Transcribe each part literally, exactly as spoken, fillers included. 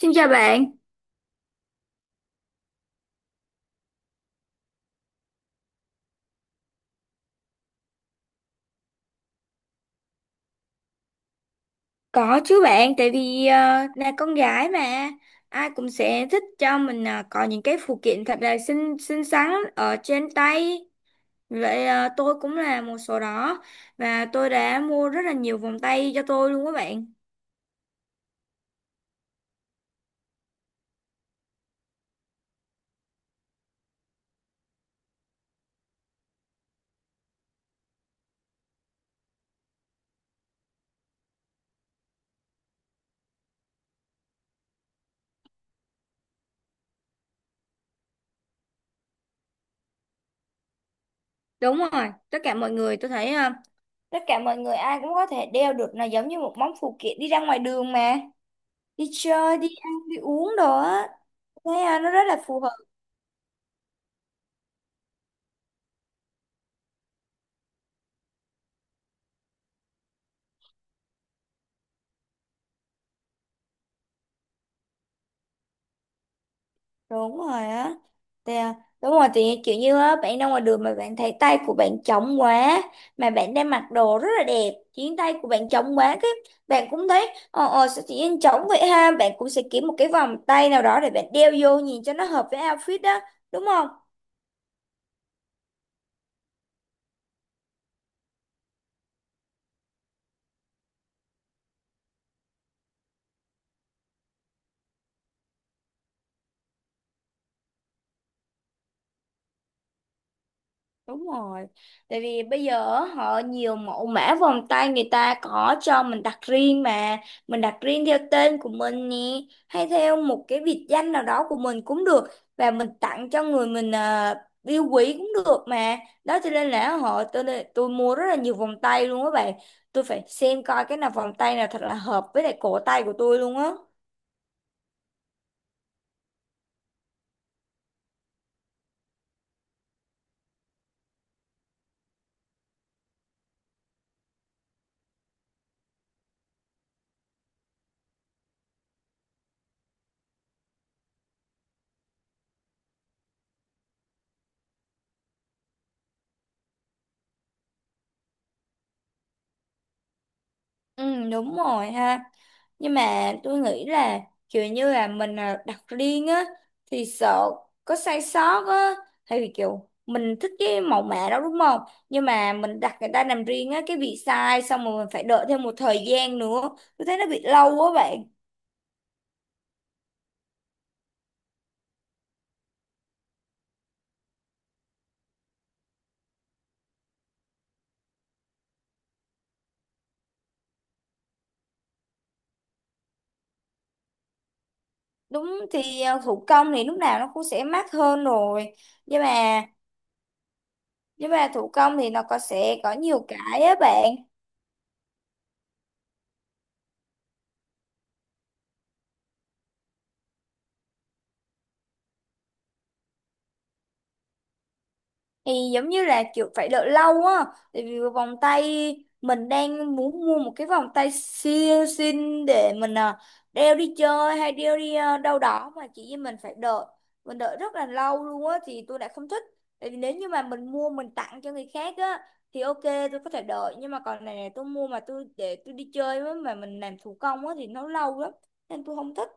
Xin chào bạn, có chứ bạn, tại vì ờ, là con gái mà ai cũng sẽ thích cho mình ờ, có những cái phụ kiện thật là xinh xinh xắn ở trên tay. Vậy ờ, tôi cũng là một số đó và tôi đã mua rất là nhiều vòng tay cho tôi luôn các bạn. Đúng rồi, tất cả mọi người tôi thấy ờ, tất cả mọi người ai cũng có thể đeo được, là giống như một món phụ kiện đi ra ngoài đường mà đi chơi, đi ăn, đi uống đồ á. Thấy ờ, nó rất là phù hợp. Đúng rồi á. Thì, à, đúng rồi, thì kiểu như á, bạn ra ngoài đường mà bạn thấy tay của bạn trống quá, mà bạn đang mặc đồ rất là đẹp khiến tay của bạn trống quá, cái bạn cũng thấy ờ ờ sao tự nhiên trống vậy ha, bạn cũng sẽ kiếm một cái vòng tay nào đó để bạn đeo vô nhìn cho nó hợp với outfit đó, đúng không? Đúng rồi. Tại vì bây giờ á, họ nhiều mẫu mã vòng tay người ta có cho mình đặt riêng mà, mình đặt riêng theo tên của mình nè, hay theo một cái biệt danh nào đó của mình cũng được, và mình tặng cho người mình à, yêu quý cũng được mà. Đó cho nên là họ tôi tôi mua rất là nhiều vòng tay luôn á bạn. Tôi phải xem coi cái nào, vòng tay nào thật là hợp với lại cổ tay của tôi luôn á. Ừ, đúng rồi ha. Nhưng mà tôi nghĩ là kiểu như là mình à, đặt riêng á thì sợ có sai sót á, thì kiểu mình thích cái mẫu mã đó đúng không? Nhưng mà mình đặt người ta làm riêng á cái bị sai, xong rồi mình phải đợi thêm một thời gian nữa. Tôi thấy nó bị lâu quá bạn. Đúng thì à, thủ công thì lúc nào nó cũng sẽ mắc hơn rồi. Nhưng mà nhưng mà thủ công thì nó có sẽ có nhiều cái á bạn. Thì giống như là kiểu phải đợi lâu á, tại vì vòng tay mình đang muốn mua một cái vòng tay siêu xinh để mình à, đeo đi chơi hay đeo đi à, đâu đó, mà chỉ vì mình phải đợi, mình đợi rất là lâu luôn á thì tôi lại không thích. Tại vì nếu như mà mình mua mình tặng cho người khác á thì ok, tôi có thể đợi, nhưng mà còn này này tôi mua mà tôi để tôi đi chơi với, mà mình làm thủ công á thì nó lâu lắm, nên tôi không thích.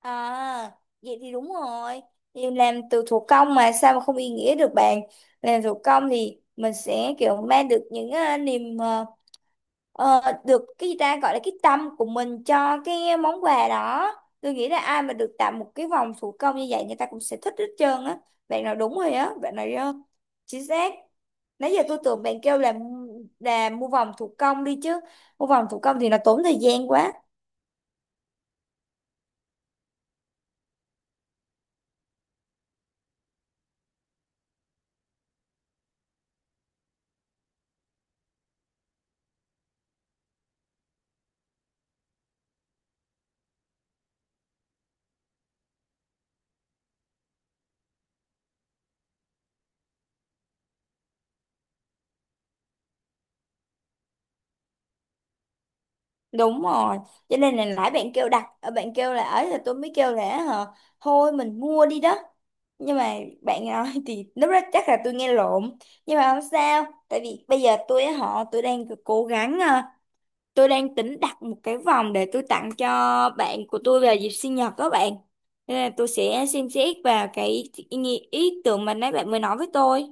À, vậy thì đúng rồi. Thì làm từ thủ công mà sao mà không ý nghĩa được bạn. Làm thủ công thì mình sẽ kiểu mang được những ờ, niềm ờ, ờ, được cái gì ta gọi là cái tâm của mình cho cái món quà đó. Tôi nghĩ là ai mà được tặng một cái vòng thủ công như vậy, người ta cũng sẽ thích hết trơn á. Bạn nói đúng rồi á, bạn nói ờ, chính xác. Nãy giờ tôi tưởng bạn kêu là là mua vòng thủ công đi chứ. Mua vòng thủ công thì nó tốn thời gian quá. Đúng rồi, cho nên là nãy bạn kêu đặt, ờ, bạn kêu là ấy, là tôi mới kêu là hả, thôi mình mua đi đó. Nhưng mà bạn nói thì lúc đó chắc là tôi nghe lộn. Nhưng mà không sao, tại vì bây giờ tôi á họ tôi đang cố gắng ờ, tôi đang tính đặt một cái vòng để tôi tặng cho bạn của tôi vào dịp sinh nhật các bạn. Thế nên là tôi sẽ xem xét vào cái ý, nghĩ- ý tưởng mà nãy bạn mới nói với tôi.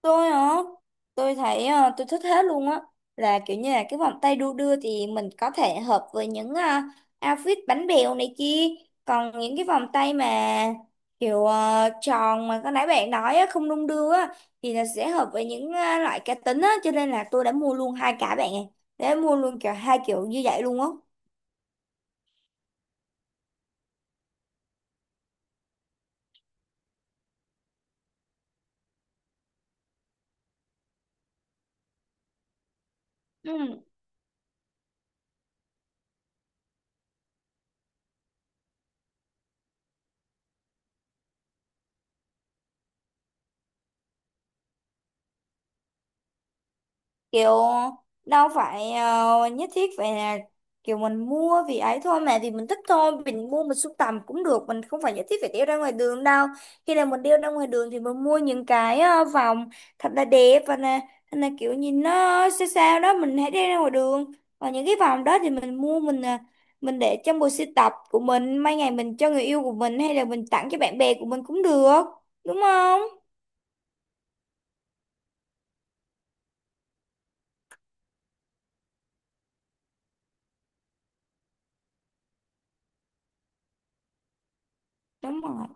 Tôi hả? Tôi thấy ờ, tôi thích hết luôn á, là kiểu như là cái vòng tay đu đưa thì mình có thể hợp với những ờ, outfit bánh bèo này kia, còn những cái vòng tay mà kiểu ờ, tròn mà cái nãy bạn nói á, không đung đưa á, thì là sẽ hợp với những ờ, loại cá tính á, cho nên là tôi đã mua luôn hai cả bạn ạ. Đã mua luôn kiểu hai kiểu như vậy luôn á. Ừ. Kiểu đâu phải ờ, nhất thiết phải là kiểu mình mua vì ấy thôi, mà thì mình thích thôi mình mua, mình sưu tầm cũng được, mình không phải nhất thiết phải đeo ra ngoài đường đâu. Khi nào mình đeo ra ngoài đường thì mình mua những cái ờ, vòng thật là đẹp và là, là kiểu nhìn nó sao sao đó mình hãy đeo ra ngoài đường, và những cái vòng đó thì mình mua mình ờ, mình để trong bộ sưu tập của mình, mai ngày mình cho người yêu của mình hay là mình tặng cho bạn bè của mình cũng được, đúng không? Đúng rồi.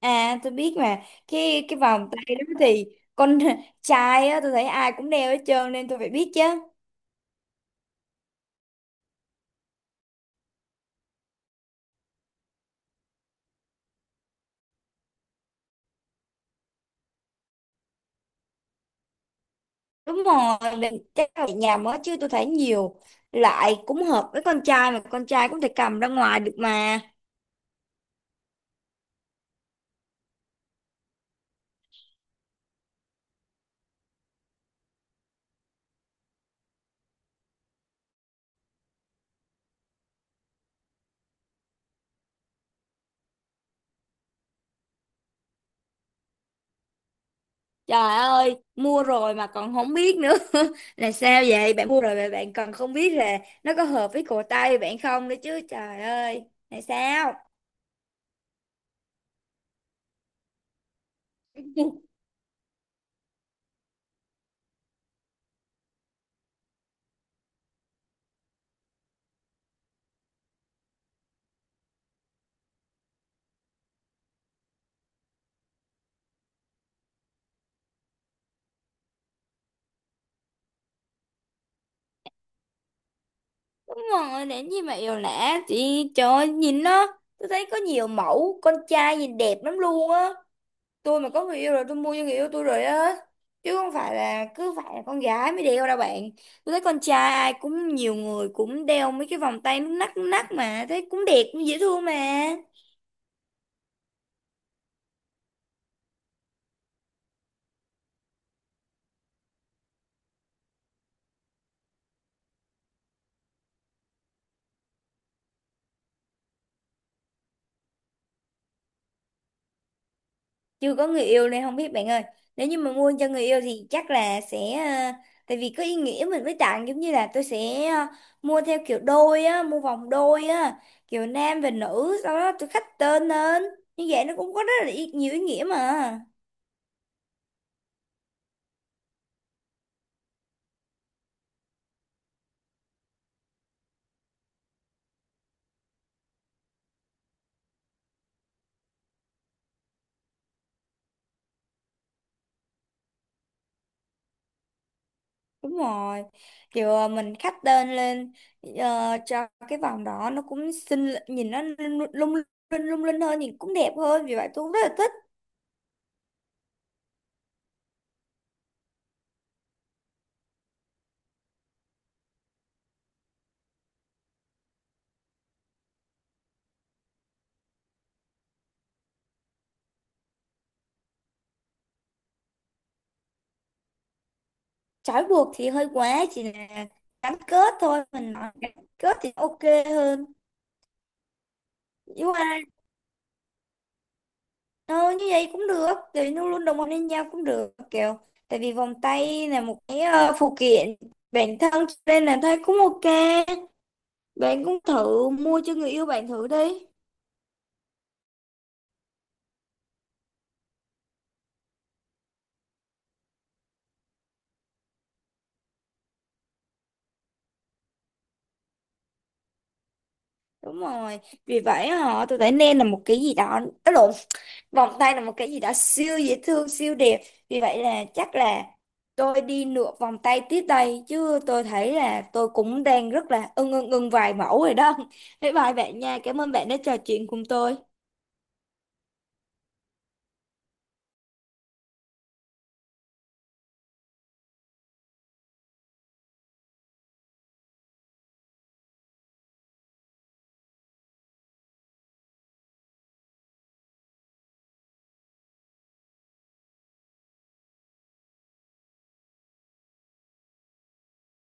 À, tôi biết mà, cái cái vòng tay đó thì con trai á tôi thấy ai cũng đeo hết trơn nên tôi phải biết chứ. Đúng rồi, mình chắc là nhà mới chứ tôi thấy nhiều loại cũng hợp với con trai, mà con trai cũng thể cầm ra ngoài được mà. Trời ơi, mua rồi mà còn không biết nữa là sao vậy? Bạn mua rồi mà bạn còn không biết là nó có hợp với cổ tay bạn không nữa chứ. Trời ơi, là sao? Đúng rồi, đến gì mà yêu lạ chị trời ơi, nhìn nó tôi thấy có nhiều mẫu con trai nhìn đẹp lắm luôn á. Tôi mà có người yêu rồi tôi mua cho người yêu tôi rồi á, chứ không phải là cứ phải là con gái mới đeo đâu bạn. Tôi thấy con trai ai cũng nhiều người cũng đeo mấy cái vòng tay nút nắt nút nắt mà thấy cũng đẹp cũng dễ thương mà. Chưa có người yêu nên không biết bạn ơi. Nếu như mà mua cho người yêu thì chắc là sẽ ờ, tại vì có ý nghĩa mình mới tặng, giống như là tôi sẽ ờ, mua theo kiểu đôi á, mua vòng đôi á, kiểu nam và nữ sau đó tôi khắc tên lên, như vậy nó cũng có rất là ý- nhiều ý nghĩa mà. Đúng rồi, kiểu ờ, mình khắc tên lên ờ, cho cái vòng đó nó cũng xinh, nhìn nó lung lung lung linh lung linh hơn, nhìn cũng đẹp hơn, vì vậy tôi cũng rất là thích. Trói buộc thì hơi quá, chỉ là gắn kết thôi, mình nói gắn kết thì ok hơn. Nhưng mà ờ, như vậy cũng được, thì nó luôn đồng hành với nhau cũng được kiểu, tại vì vòng tay là một cái ờ, phụ kiện bản thân, cho nên là thấy cũng ok. Bạn cũng thử mua cho người yêu bạn thử đi. Đúng rồi, vì vậy họ tôi thấy nên là một cái gì đó, đó lộn, vòng tay là một cái gì đó siêu dễ thương siêu đẹp. Vì vậy là chắc là tôi đi nửa vòng tay tiếp đây chứ, tôi thấy là tôi cũng đang rất là ưng ưng ưng vài mẫu rồi đó. Bye bye bạn nha, cảm ơn bạn đã trò chuyện cùng tôi.